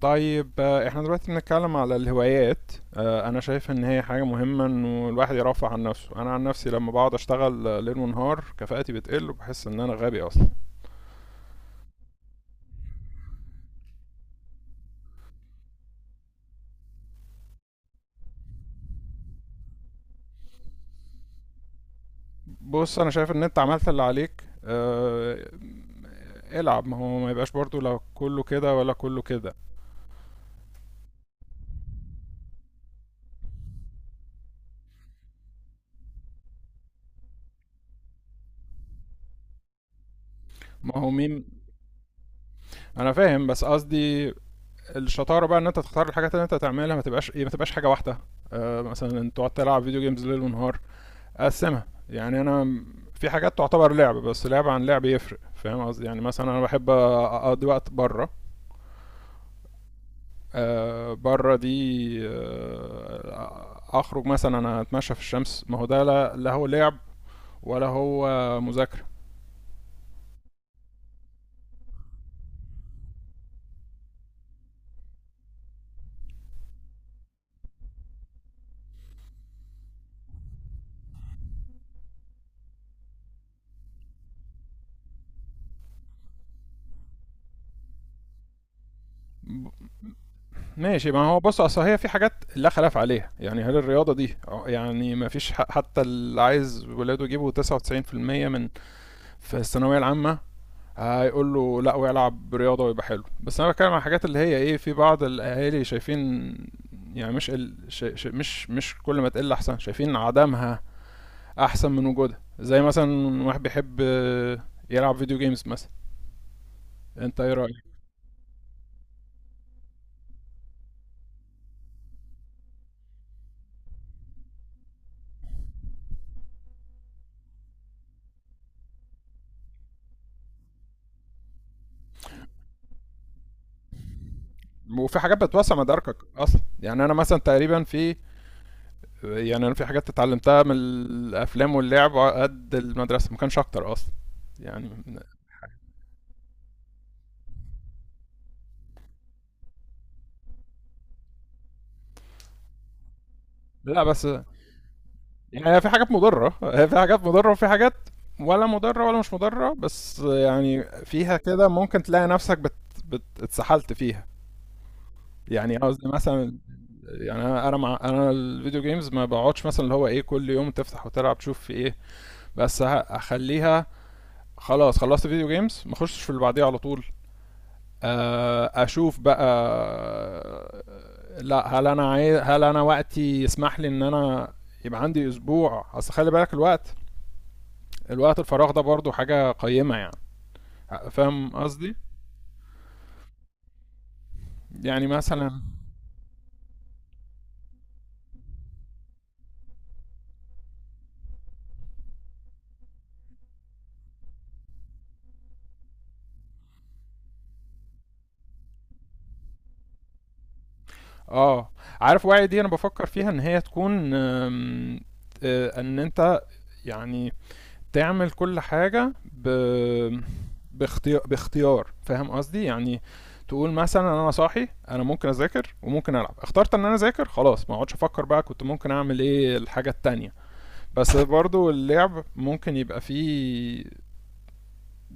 طيب، احنا دلوقتي بنتكلم على الهوايات. انا شايف ان هي حاجة مهمة انه الواحد يرفع عن نفسه. انا عن نفسي لما بقعد اشتغل ليل ونهار كفاءتي بتقل وبحس ان انا غبي اصلا. بص، انا شايف ان انت عملت اللي عليك، العب، ما هو ما يبقاش برضو لا كله كده ولا كله كده. ما هو مين؟ انا فاهم، بس قصدي الشطارة بقى ان انت تختار الحاجات اللي انت تعملها، ما تبقاش ايه، ما تبقاش حاجة واحدة. مثلا انت تقعد تلعب فيديو جيمز ليل ونهار. اقسمها، يعني انا في حاجات تعتبر لعب، بس لعب عن لعب يفرق، فاهم قصدي؟ يعني مثلا انا بحب اقضي وقت بره. بره دي اخرج، مثلا انا اتمشى في الشمس، ما هو ده لا, لا هو لعب ولا هو مذاكره. ماشي، ما هو بص اصل هي في حاجات لا خلاف عليها، يعني هل الرياضه دي يعني ما فيش حتى اللي عايز ولاده يجيبوا 99% من في الثانويه العامه هيقول له لا ويلعب رياضه ويبقى حلو. بس انا بتكلم عن الحاجات اللي هي ايه، في بعض الاهالي شايفين يعني مش ال... ش... ش... مش كل ما تقل احسن، شايفين عدمها احسن من وجودها، زي مثلا واحد بيحب يلعب فيديو جيمز مثلا، انت ايه رايك؟ وفي حاجات بتوسع مداركك اصلا، يعني انا مثلا تقريبا في، يعني انا في حاجات اتعلمتها من الافلام واللعب على قد المدرسه ما كانش اكتر اصلا. يعني لا بس يعني هي في حاجات مضرة، هي في حاجات مضرة وفي حاجات ولا مضرة ولا مش مضرة، بس يعني فيها كده، ممكن تلاقي نفسك اتسحلت فيها. يعني قصدي مثلا، يعني انا انا الفيديو جيمز ما بقعدش مثلا اللي هو ايه كل يوم تفتح وتلعب تشوف في ايه، بس اخليها، خلاص خلصت فيديو جيمز ما اخشش في اللي بعديه على طول. اشوف بقى لا هل انا عايز، هل انا وقتي يسمح لي ان انا يبقى عندي اسبوع. اصل خلي بالك الوقت، الوقت الفراغ ده برضه حاجة قيمة يعني، فاهم قصدي؟ يعني مثلا اه، عارف وعي دي انا بفكر فيها ان هي تكون ان انت يعني تعمل كل حاجة باختيار، باختيار، فاهم قصدي؟ يعني تقول مثلا انا صاحي، انا ممكن اذاكر وممكن العب، اخترت ان انا اذاكر، خلاص ما اقعدش افكر بقى كنت ممكن اعمل ايه الحاجة التانية. بس برضو اللعب ممكن يبقى فيه،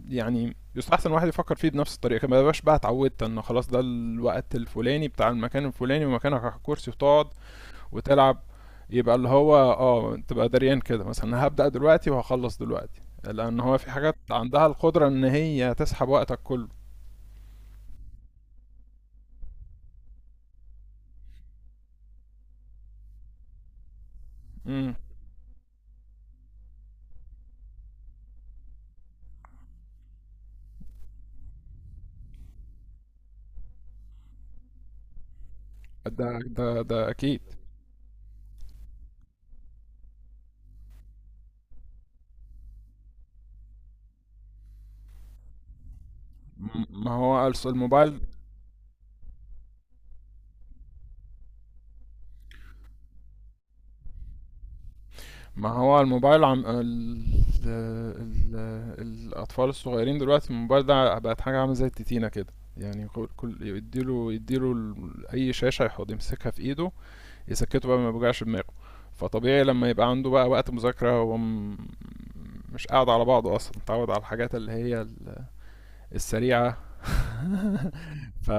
يعني يستحسن الواحد يفكر فيه بنفس الطريقه كده، ما يبقاش بقى اتعودت ان خلاص ده الوقت الفلاني بتاع المكان الفلاني ومكانك على الكرسي وتقعد وتلعب. يبقى اللي هو اه تبقى دريان كده، مثلا هبدأ دلوقتي وهخلص دلوقتي، لان هو في حاجات عندها القدره ان هي تسحب وقتك كله. امم ده اكيد. ما هو الموبايل، ما هو الموبايل ال... الأطفال الصغيرين دلوقتي الموبايل ده بقت حاجة عاملة زي التتينة كده، يعني يديله أي شاشة يحط يمسكها في إيده يسكته بقى ما يوجعش دماغه. فطبيعي لما يبقى عنده بقى وقت مذاكرة مش قاعد على بعضه أصلا، متعود على الحاجات اللي هي السريعة. ف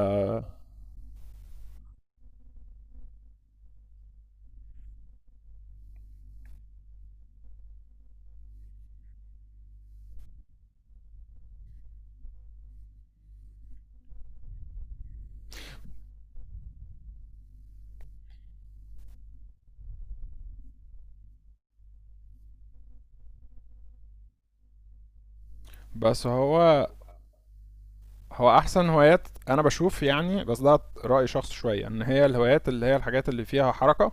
بس هو احسن هوايات انا بشوف، يعني بس ده راي شخص شويه ان هي الهوايات اللي هي الحاجات اللي فيها حركه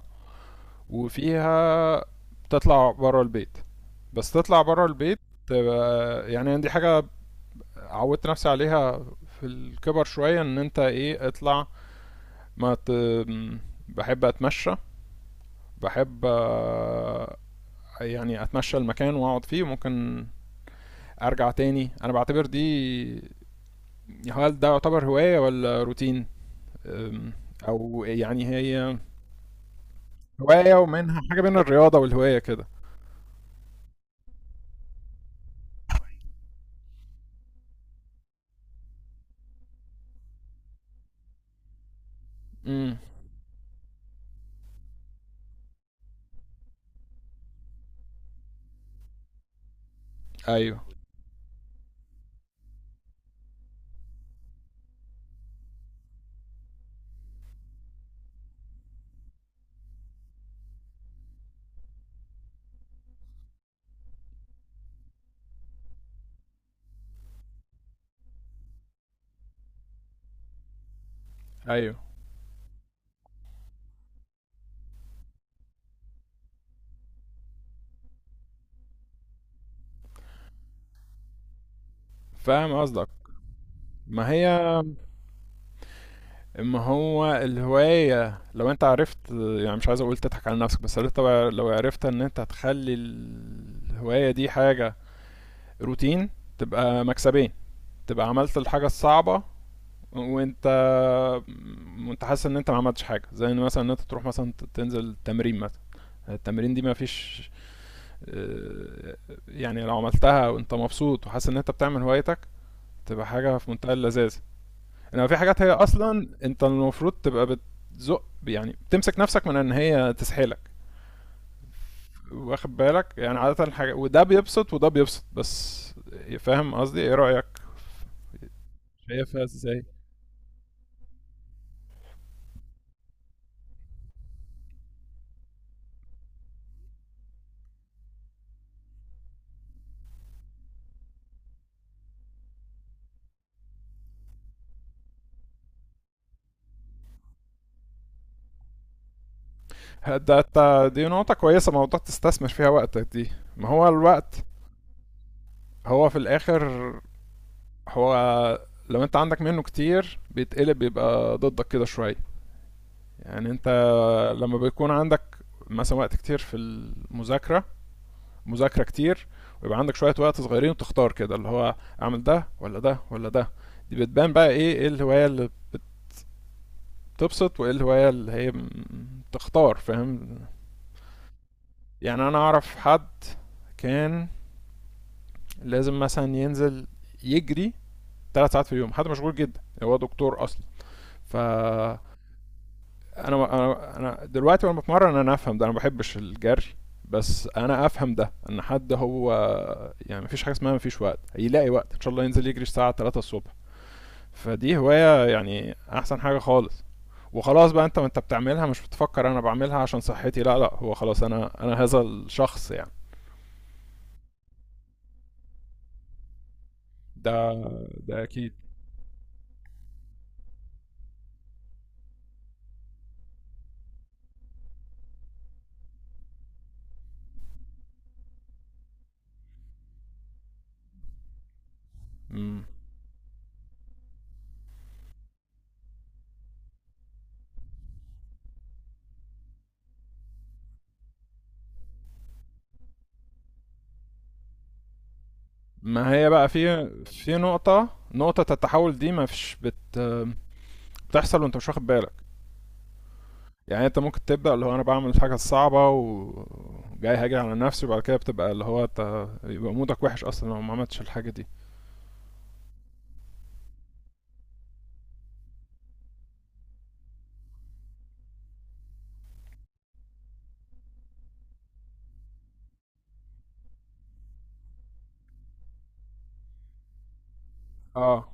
وفيها تطلع بره البيت. بس تطلع بره البيت تبقى يعني دي حاجة عودت نفسي عليها في الكبر شوية، ان انت ايه اطلع. ما ت... بحب اتمشى، بحب يعني اتمشى المكان واقعد فيه ممكن ارجع تاني. انا بعتبر دي، هل ده يعتبر هواية ولا روتين؟ أم، او يعني هي هواية ومنها حاجة بين الرياضة والهواية كده. امم، ايوه. ايوه، فاهم قصدك. ما هي، ما هو الهواية لو انت عرفت يعني، مش عايز اقول تضحك على نفسك، بس لو انت لو عرفت ان انت هتخلي الهواية دي حاجة روتين تبقى مكسبين، تبقى عملت الحاجة الصعبة. وانت، وانت حاسس ان انت ما عملتش حاجة، زي ان مثلا ان انت تروح مثلا تنزل تمرين مثلا، التمرين دي ما فيش آه، يعني لو عملتها وانت مبسوط وحاسس ان انت بتعمل هوايتك تبقى حاجة في منتهى اللذاذ. انما في حاجات هي اصلا انت المفروض تبقى بتزق، يعني بتمسك نفسك من ان هي تسحلك، واخد بالك؟ يعني عادة حاجة وده بيبسط وده بيبسط بس، فاهم قصدي؟ ايه رأيك، شايفها ازاي؟ دي نقطة كويسة، موضوع تستثمر فيها وقتك دي، ما هو الوقت هو في الاخر، هو لو انت عندك منه كتير بيتقلب بيبقى ضدك كده شوية. يعني انت لما بيكون عندك مثلا وقت كتير في المذاكرة، مذاكره كتير، ويبقى عندك شويه وقت صغيرين، وتختار كده اللي هو اعمل ده ولا ده ولا ده، دي بتبان بقى ايه، ايه الهوايه اللي بتبسط وايه الهوايه اللي هي تختار، فاهم؟ يعني انا اعرف حد كان لازم مثلا ينزل يجري 3 ساعات في اليوم، حد مشغول جدا، هو دكتور اصلا. ف انا، انا دلوقتي وانا بتمرن انا افهم ده، انا ما بحبش الجري، بس انا افهم ده ان حد هو يعني مفيش حاجه اسمها مفيش وقت، هيلاقي وقت ان شاء الله ينزل يجري الساعه 3 الصبح. فدي هواية يعني أحسن حاجة خالص، وخلاص بقى أنت وأنت بتعملها مش بتفكر أنا بعملها عشان صحتي، لا لا، هو خلاص أنا، أنا هذا الشخص يعني. ده ده أكيد. مم. ما هي بقى في، في نقطة، نقطة التحول دي ما فيش بتحصل وأنت مش واخد بالك. يعني أنت ممكن تبدأ اللي هو أنا بعمل الحاجة الصعبة وجاي هاجي على نفسي، وبعد كده بتبقى اللي هو أنت يبقى مودك وحش أصلا لو ما عملتش الحاجة دي. اه،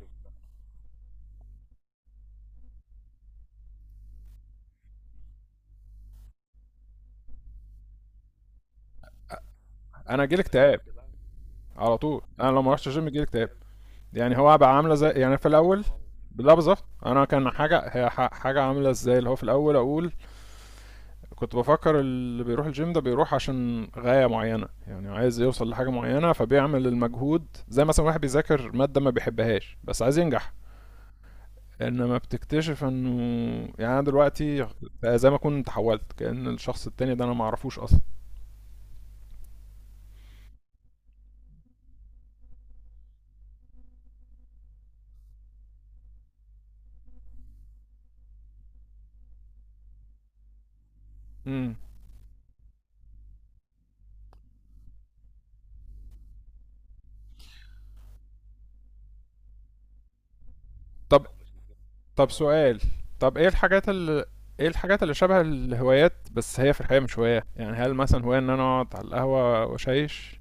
أنا جيلي اكتئاب على طول، أنا لو ما رحتش الجيم جيلي اكتئاب. يعني هو بقى عامله زي يعني في الاول، لا بالظبط، انا كان حاجه هي حاجه عامله ازاي، اللي هو في الاول اقول كنت بفكر اللي بيروح الجيم ده بيروح عشان غايه معينه، يعني عايز يوصل لحاجه معينه فبيعمل المجهود، زي مثلا واحد بيذاكر ماده ما بيحبهاش بس عايز ينجح. انما بتكتشف انه يعني انا دلوقتي بقى زي ما اكون تحولت كأن الشخص التاني ده انا ما اعرفوش اصلا. امم، طب، طب سؤال، طب ايه الحاجات اللي، ايه الحاجات اللي شبه الهوايات بس هي في الحقيقة مش هواية؟ يعني هل مثلا هواية ان انا اقعد على القهوة واشيش؟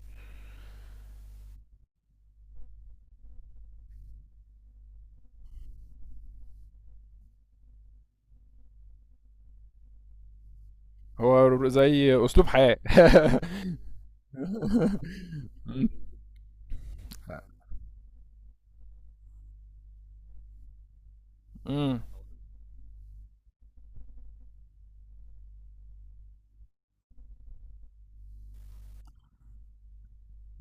هو زي اسلوب حياة. مم. مم.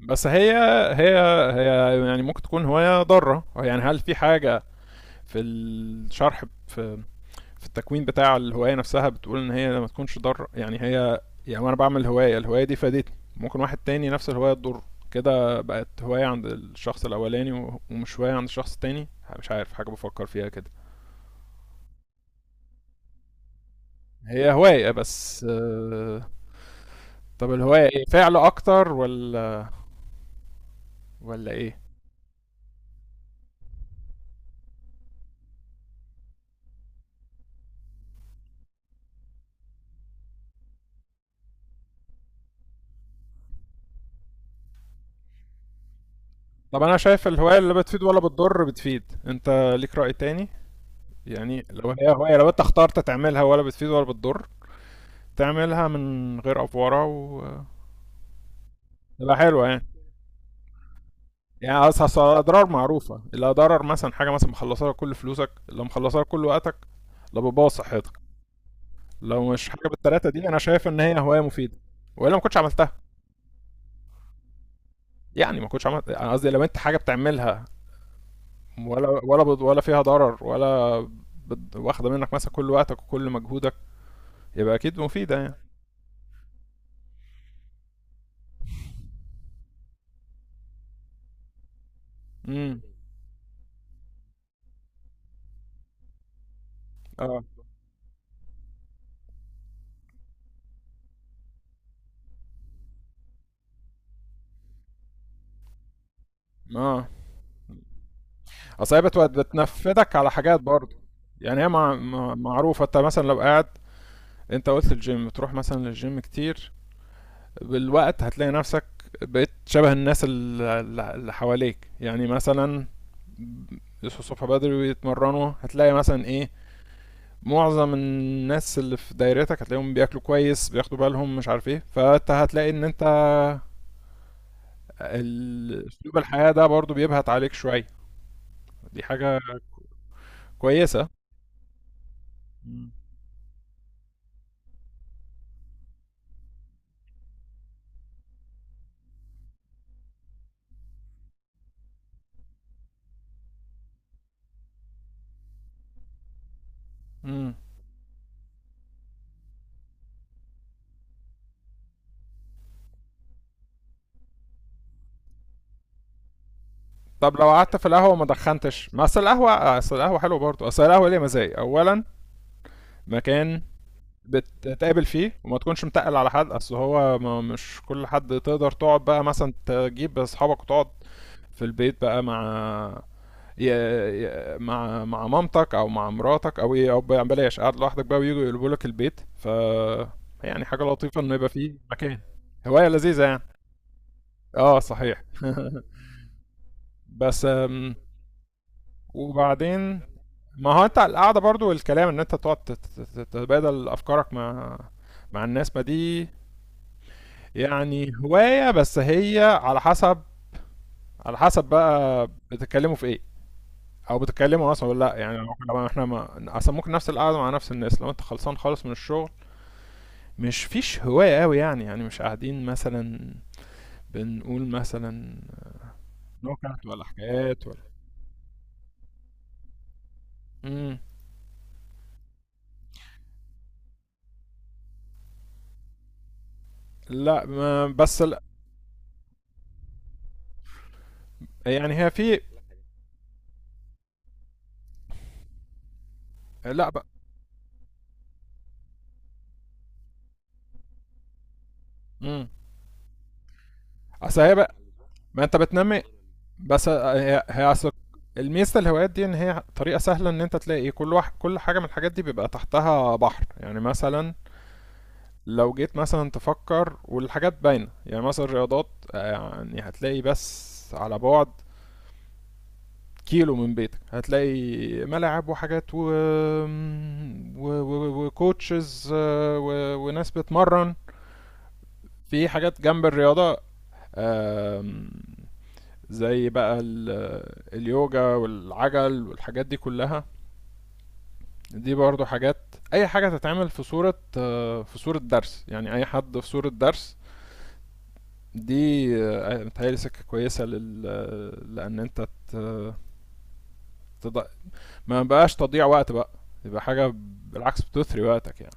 بس هي هي، هي يعني ممكن تكون هواية ضارة يعني، هل في حاجة في الشرح، في في التكوين بتاع الهوايه نفسها بتقول ان هي ما تكونش ضار؟ يعني هي، يعني انا بعمل هوايه، الهوايه دي فادتني، ممكن واحد تاني نفس الهوايه تضر، كده بقت هوايه عند الشخص الاولاني ومش هوايه عند الشخص التاني، مش عارف، حاجه بفكر فيها كده. هي هوايه بس طب الهوايه ايه، فعل اكتر، ولا ولا ايه؟ طب انا شايف الهوايه اللي بتفيد ولا بتضر بتفيد انت، ليك راي تاني؟ يعني لو هي هوايه، لو انت اخترت تعملها ولا بتفيد ولا بتضر، تعملها من غير افوره، و تبقى حلوه يعني. يعني أصل، أصل الاضرار معروفه، اللي ضرر مثلا حاجه مثلا مخلصاها كل فلوسك، اللي مخلصاها كل وقتك، اللي بتبوظ صحتك. لو مش حاجه بالثلاثه دي انا شايف ان هي هوايه مفيده، والا ما كنتش عملتها. يعني ما كنتش عملت، انا قصدي لو انت حاجه بتعملها ولا ولا ولا فيها ضرر ولا واخده منك مثلا كل وقتك وكل مجهودك، يبقى اكيد مفيده يعني. امم، اه، اه، اصل هي بتنفذك على حاجات برضه. يعني هي معروفه، انت مثلا لو قاعد، انت قلت الجيم تروح مثلا للجيم كتير بالوقت هتلاقي نفسك بقيت شبه الناس اللي حواليك، يعني مثلا يصحوا الصبح بدري ويتمرنوا، هتلاقي مثلا ايه، معظم الناس اللي في دايرتك هتلاقيهم بياكلوا كويس بياخدوا بالهم مش عارف ايه، فانت هتلاقي ان انت اسلوب الحياة ده برضو بيبهت عليك شوية، دي حاجة كويسة. امم، طب لو قعدت في القهوة وما دخنتش، ما اصل القهوة، اصل القهوة حلوة برضو، اصل القهوة ليها مزايا، اولا مكان بتتقابل فيه وما تكونش متقل على حد، اصل هو ما مش كل حد تقدر تقعد بقى مثلا تجيب اصحابك وتقعد في البيت بقى مع ي... مع مع مامتك او مع مراتك او ايه، او بلاش قاعد لوحدك بقى ويجوا يقلبوا لك البيت. ف يعني حاجه لطيفه انه يبقى فيه مكان، هوايه لذيذه يعني. اه صحيح. بس وبعدين ما هو انت القعده برضو والكلام ان انت تقعد تتبادل افكارك مع مع الناس، ما دي يعني هواية، بس هي على حسب، على حسب بقى بتتكلموا في ايه، او بتتكلموا اصلا ولا لا. يعني لو احنا، لو احنا ما اصلا ممكن نفس القعده مع نفس الناس لو انت خلصان خالص من الشغل مش فيش هوايه قوي يعني، يعني مش قاعدين مثلا بنقول مثلا نكت ولا حكايات ولا. امم، لا ما بس لا، يعني هي في، لا بقى، امم، اصل هي بقى ما انت بتنمي. بس هي أصل الميزة الهوايات دي إن هي طريقة سهلة إن أنت تلاقي كل واحد، كل حاجة من الحاجات دي بيبقى تحتها بحر، يعني مثلا لو جيت مثلا تفكر والحاجات باينة، يعني مثلا الرياضات يعني هتلاقي بس على بعد كيلو من بيتك هتلاقي ملاعب وحاجات وكوتشز وناس بتمرن، في حاجات جنب الرياضة، آم، زي بقى اليوجا والعجل والحاجات دي كلها، دي برضو حاجات، اي حاجة تتعمل في صورة في صورة درس، يعني اي حد في صورة درس، دي متهيألي سكة كويسة لل... لان انت ت... تض... ما بقاش تضيع وقت بقى يبقى حاجة، بالعكس بتثري وقتك يعني.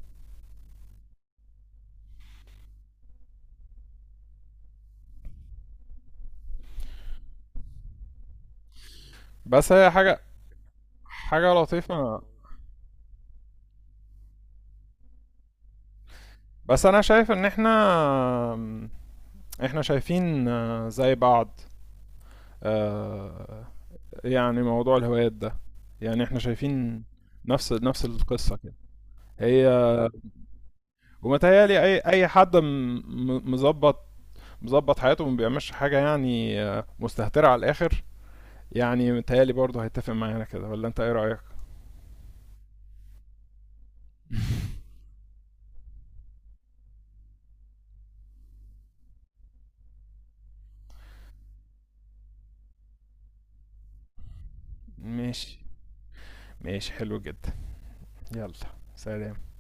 بس هي حاجة، حاجة لطيفة، بس انا شايف ان احنا احنا شايفين زي بعض، آه، يعني موضوع الهوايات ده يعني احنا شايفين نفس، نفس القصة كده. هي ومتهيألي أي حد م- مظبط مظبط حياته وما بيعملش حاجة يعني مستهترة على الآخر، يعني متهيألي برضه هيتفق معانا كده، ولا أنت إيه رأيك؟ ماشي، ماشي، حلو جدا، يلا، سلام.